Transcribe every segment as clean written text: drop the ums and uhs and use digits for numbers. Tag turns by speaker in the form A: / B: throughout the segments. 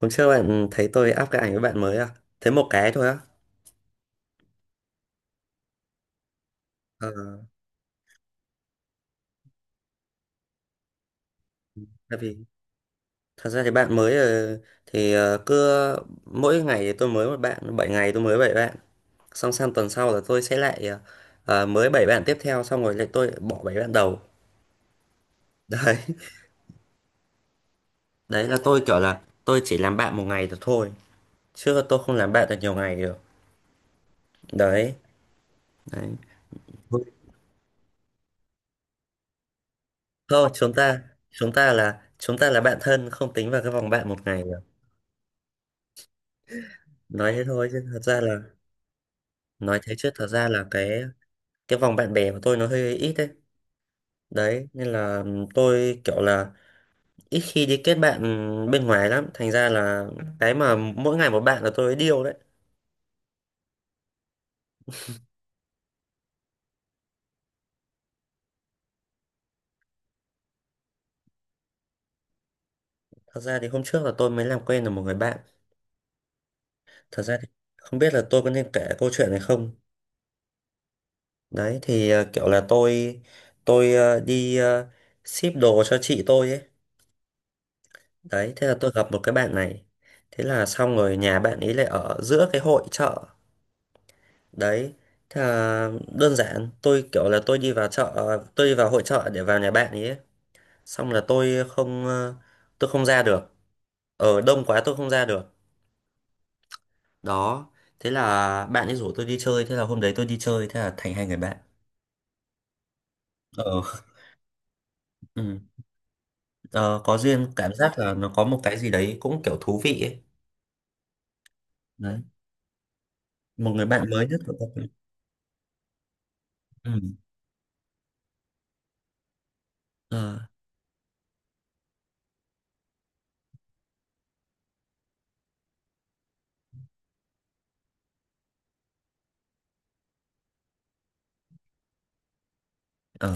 A: Hôm trước bạn thấy tôi up cái ảnh với bạn mới à? Thế một cái thôi á? Ờ, Tại vì thật ra thì bạn mới thì cứ mỗi ngày thì tôi mới một bạn, 7 ngày tôi mới 7 bạn. Xong sang tuần sau là tôi sẽ lại mới 7 bạn tiếp theo xong rồi lại tôi bỏ 7 bạn đầu. Đấy, đấy là tôi kiểu là tôi chỉ làm bạn một ngày được thôi. Chứ tôi không làm bạn được nhiều ngày được. Đấy, đấy. Thôi chúng ta là chúng ta là bạn thân không tính vào cái vòng bạn một ngày được. Nói thế thôi chứ thật ra là nói thế chứ thật ra là cái vòng bạn bè của tôi nó hơi ít đấy, đấy nên là tôi kiểu là ít khi đi kết bạn bên ngoài lắm, thành ra là cái mà mỗi ngày một bạn là tôi điêu đấy. Thật ra thì hôm trước là tôi mới làm quen được một người bạn. Thật ra thì không biết là tôi có nên kể câu chuyện này không. Đấy thì kiểu là tôi đi ship đồ cho chị tôi ấy. Đấy thế là tôi gặp một cái bạn này. Thế là xong rồi nhà bạn ấy lại ở giữa cái hội chợ đấy. Thế là đơn giản tôi kiểu là tôi đi vào chợ, tôi đi vào hội chợ để vào nhà bạn ấy ấy. Xong là tôi không tôi không ra được, ở đông quá tôi không ra được. Đó, thế là bạn ấy rủ tôi đi chơi, thế là hôm đấy tôi đi chơi, thế là thành hai người bạn. Ờ, ừ. Ờ, có duyên, cảm giác là nó có một cái gì đấy cũng kiểu thú vị ấy. Đấy, một người bạn mới nhất của tôi. Ừ. Ờ, ờ,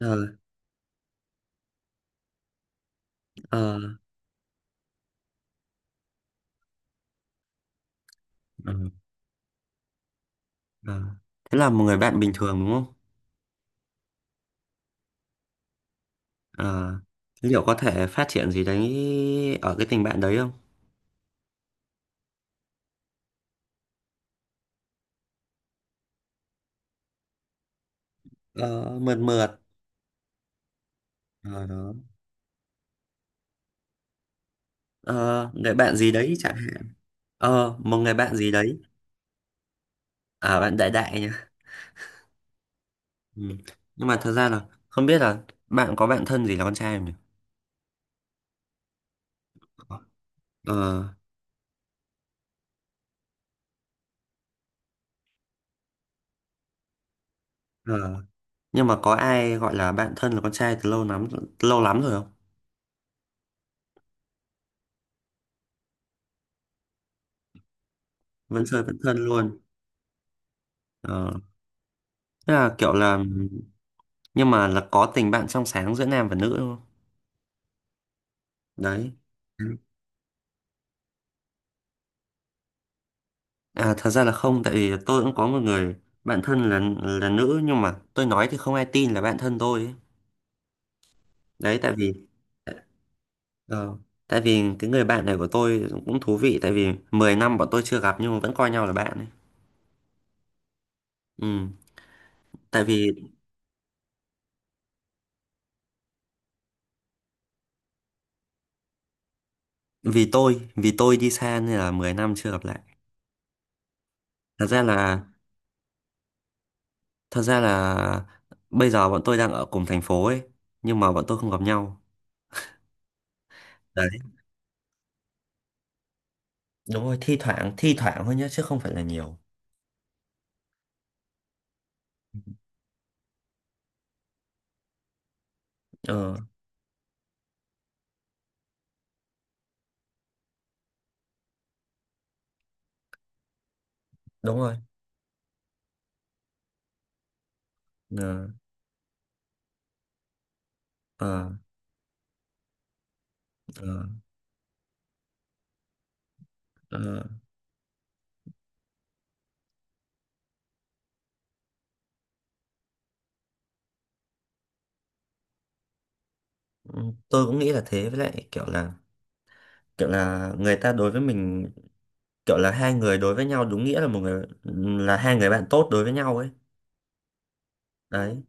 A: ờ, ờ, ờ, ờ. Thế là một người bạn bình thường đúng không? Ờ, liệu có thể phát triển gì đấy ở cái tình bạn đấy không? Ờ, mượt mượt. Ờ, đó. Ờ, người bạn gì đấy chẳng hạn. Ờ, một người bạn gì đấy. À, bạn đại đại nhá. Ừ. Nhưng mà thật ra là không biết là bạn có bạn thân gì là con trai không nhỉ? Ờ, ờ. Nhưng mà có ai gọi là bạn thân là con trai từ lâu lắm, lâu lắm rồi không? Vẫn chơi vẫn thân luôn. Ờ. Tức là kiểu là nhưng mà là có tình bạn trong sáng giữa nam và nữ đúng không? Đấy. À, thật ra là không, tại vì tôi cũng có một người bạn thân là nữ nhưng mà tôi nói thì không ai tin là bạn thân tôi ấy. Đấy, tại vì ờ, tại vì cái người bạn này của tôi cũng thú vị, tại vì 10 năm bọn tôi chưa gặp nhưng mà vẫn coi nhau là bạn ấy. Ừ, tại vì vì tôi đi xa nên là 10 năm chưa gặp lại. Thật ra là thật ra là bây giờ bọn tôi đang ở cùng thành phố ấy, nhưng mà bọn tôi không gặp nhau. Đấy, đúng rồi, thi thoảng thôi nhá chứ không phải là nhiều. Ờ, đúng rồi. Ờ, ờ. Ờ, ờ, ừ, tôi cũng nghĩ là thế với lại kiểu là người ta đối với mình, kiểu là hai người đối với nhau đúng nghĩa là một người, là hai người bạn tốt đối với nhau ấy. Đấy,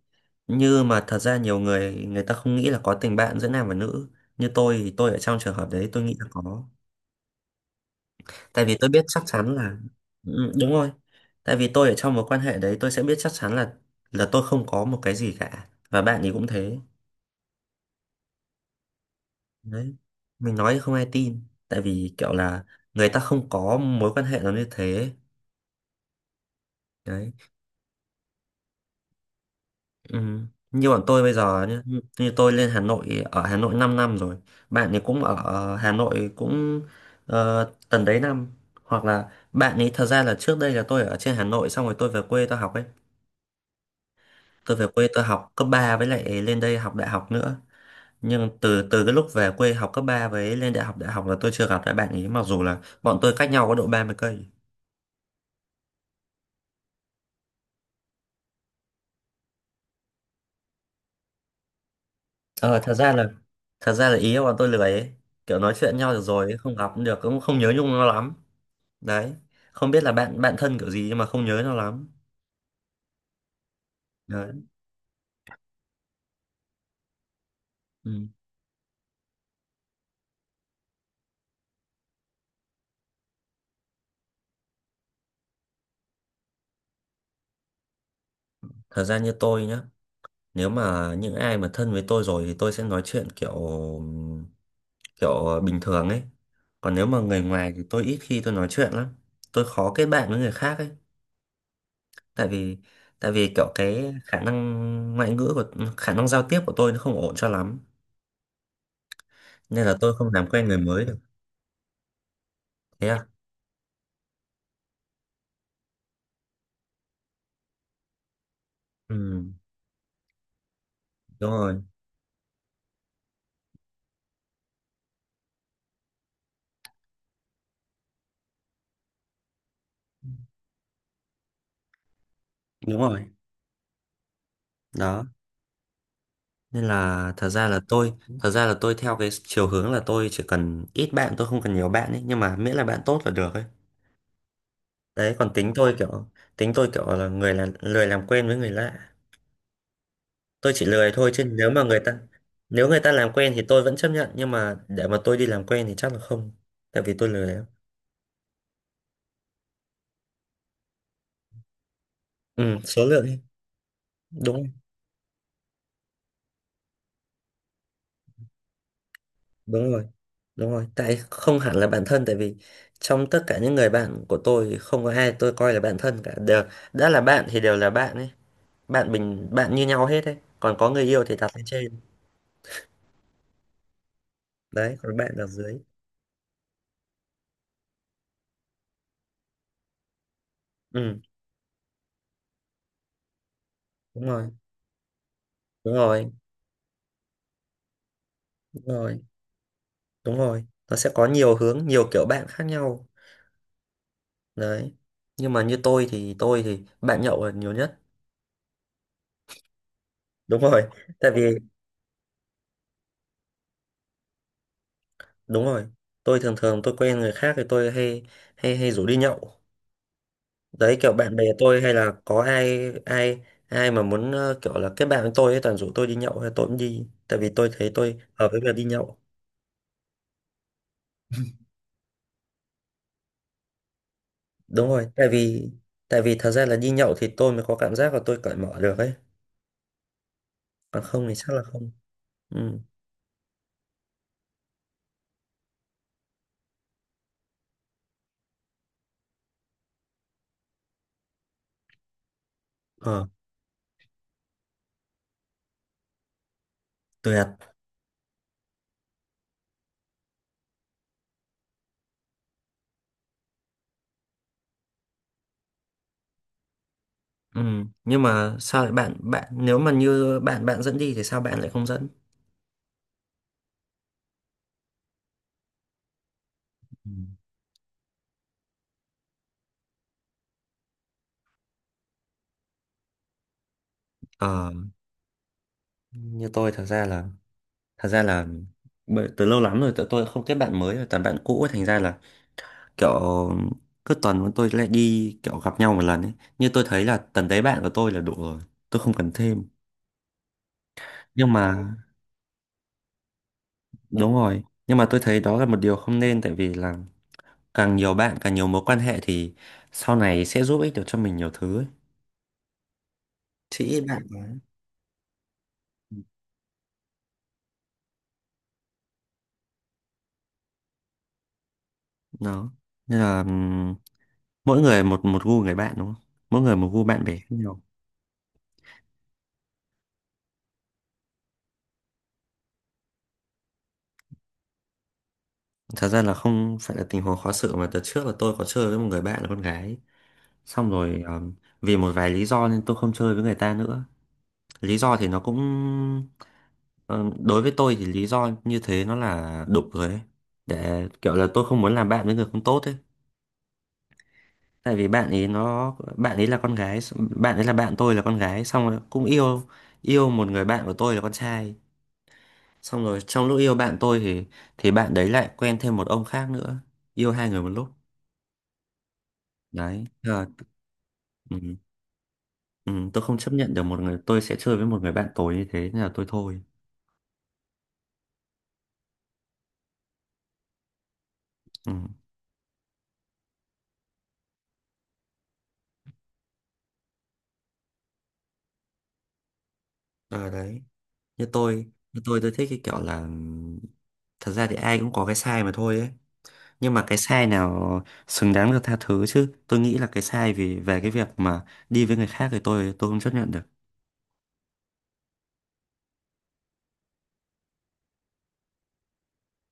A: như mà thật ra nhiều người người ta không nghĩ là có tình bạn giữa nam và nữ, như tôi thì tôi ở trong trường hợp đấy tôi nghĩ là có, tại vì tôi biết chắc chắn là ừ, đúng rồi, tại vì tôi ở trong mối quan hệ đấy tôi sẽ biết chắc chắn là tôi không có một cái gì cả và bạn ấy cũng thế. Đấy. Mình nói không ai tin tại vì kiểu là người ta không có mối quan hệ nó như thế. Đấy. Ừ. Như bọn tôi bây giờ nhá, như, như tôi lên Hà Nội, ở Hà Nội 5 năm rồi, bạn ấy cũng ở Hà Nội cũng tầm đấy năm, hoặc là bạn ấy thật ra là trước đây là tôi ở trên Hà Nội xong rồi tôi về quê tôi học ấy, tôi về quê tôi học cấp 3 với lại lên đây học đại học nữa. Nhưng từ từ cái lúc về quê học cấp 3 với lên đại học là tôi chưa gặp lại bạn ấy mặc dù là bọn tôi cách nhau có độ 30 cây. Ờ, thật ra là ý là bọn tôi lười ấy. Kiểu nói chuyện nhau được rồi không gặp cũng được, cũng không nhớ nhung nó lắm. Đấy, không biết là bạn bạn thân kiểu gì nhưng mà không nhớ nó lắm. Đấy. Ừ. Thật ra như tôi nhá, nếu mà những ai mà thân với tôi rồi thì tôi sẽ nói chuyện kiểu kiểu bình thường ấy, còn nếu mà người ngoài thì tôi ít khi tôi nói chuyện lắm. Tôi khó kết bạn với người khác ấy, tại vì tại vì kiểu cái khả năng ngoại ngữ của khả năng giao tiếp của tôi nó không ổn cho lắm, nên là tôi không làm quen người mới được. Thế à? Ừ, đúng rồi, đúng rồi. Đó, nên là thật ra là tôi thật ra là tôi theo cái chiều hướng là tôi chỉ cần ít bạn, tôi không cần nhiều bạn ấy, nhưng mà miễn là bạn tốt là được ấy. Đấy, còn tính tôi kiểu là người là lười làm quen với người lạ. Tôi chỉ lười thôi, chứ nếu mà người ta nếu người ta làm quen thì tôi vẫn chấp nhận, nhưng mà để mà tôi đi làm quen thì chắc là không, tại vì tôi lười lắm. Ừ, số lượng ấy. Đúng, đúng rồi, đúng rồi tại không hẳn là bạn thân, tại vì trong tất cả những người bạn của tôi thì không có ai tôi coi là bạn thân cả, đều đã là bạn thì đều là bạn ấy. Bạn bình bạn như nhau hết ấy, còn có người yêu thì đặt lên trên. Đấy, còn bạn ở dưới. Ừ, đúng rồi, đúng rồi, đúng rồi, đúng rồi, nó sẽ có nhiều hướng nhiều kiểu bạn khác nhau. Đấy, nhưng mà như tôi thì bạn nhậu là nhiều nhất. Đúng rồi, tại vì đúng rồi tôi thường thường tôi quen người khác thì tôi hay hay hay rủ đi nhậu. Đấy, kiểu bạn bè tôi hay là có ai ai ai mà muốn kiểu là kết bạn với tôi ấy toàn rủ tôi đi nhậu hay tôi cũng đi, tại vì tôi thấy tôi hợp với việc đi nhậu. Đúng rồi, tại vì thật ra là đi nhậu thì tôi mới có cảm giác là tôi cởi mở được ấy, còn không thì chắc là không. Ừ. Ờ, tuyệt. Ừ, nhưng mà sao lại bạn bạn nếu mà như bạn bạn dẫn đi thì sao bạn lại không dẫn? Ừ. Ờ, như tôi thật ra là bởi từ lâu lắm rồi tụi tôi không kết bạn mới rồi toàn bạn cũ ấy, thành ra là kiểu cứ tuần bọn tôi lại đi kiểu gặp nhau một lần ấy, như tôi thấy là tầm đấy bạn của tôi là đủ rồi, tôi không cần thêm. Nhưng mà đúng rồi, nhưng mà tôi thấy đó là một điều không nên, tại vì là càng nhiều bạn càng nhiều mối quan hệ thì sau này sẽ giúp ích được cho mình nhiều thứ ấy. Chị ít bạn quá. Đó, nên là mỗi người một một gu người bạn đúng không? Mỗi người một gu bạn bè khác nhau. Thật ra là không phải là tình huống khó xử mà từ trước là tôi có chơi với một người bạn là con gái, xong rồi vì một vài lý do nên tôi không chơi với người ta nữa. Lý do thì nó cũng ờ, đối với tôi thì lý do như thế nó là đục rồi ấy, để kiểu là tôi không muốn làm bạn với người không tốt ấy. Tại vì bạn ấy nó bạn ấy là con gái, bạn ấy là bạn tôi là con gái xong rồi cũng yêu, yêu một người bạn của tôi là con trai, xong rồi trong lúc yêu bạn tôi thì bạn đấy lại quen thêm một ông khác nữa, yêu hai người một lúc. Đấy. Ờ, ừ. Ừ, tôi không chấp nhận được một người tôi sẽ chơi với một người bạn tối như thế nên là tôi thôi. Ừ. À, đấy, như tôi như tôi thích cái kiểu là thật ra thì ai cũng có cái sai mà thôi ấy, nhưng mà cái sai nào xứng đáng được tha thứ chứ tôi nghĩ là cái sai vì về cái việc mà đi với người khác thì tôi không chấp nhận được.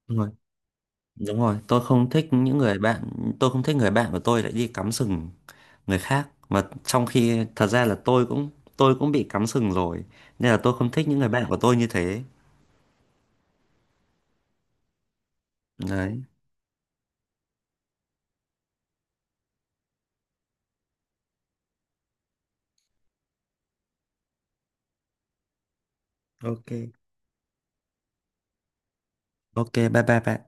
A: Đúng rồi, đúng rồi, tôi không thích những người bạn tôi không thích người bạn của tôi lại đi cắm sừng người khác, mà trong khi thật ra là tôi cũng bị cắm sừng rồi, nên là tôi không thích những người bạn của tôi như thế. Đấy. OK. OK, bye bye bạn.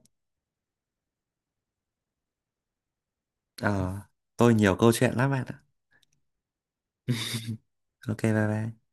A: Ờ, tôi nhiều câu chuyện lắm bạn ạ. OK, bye bye.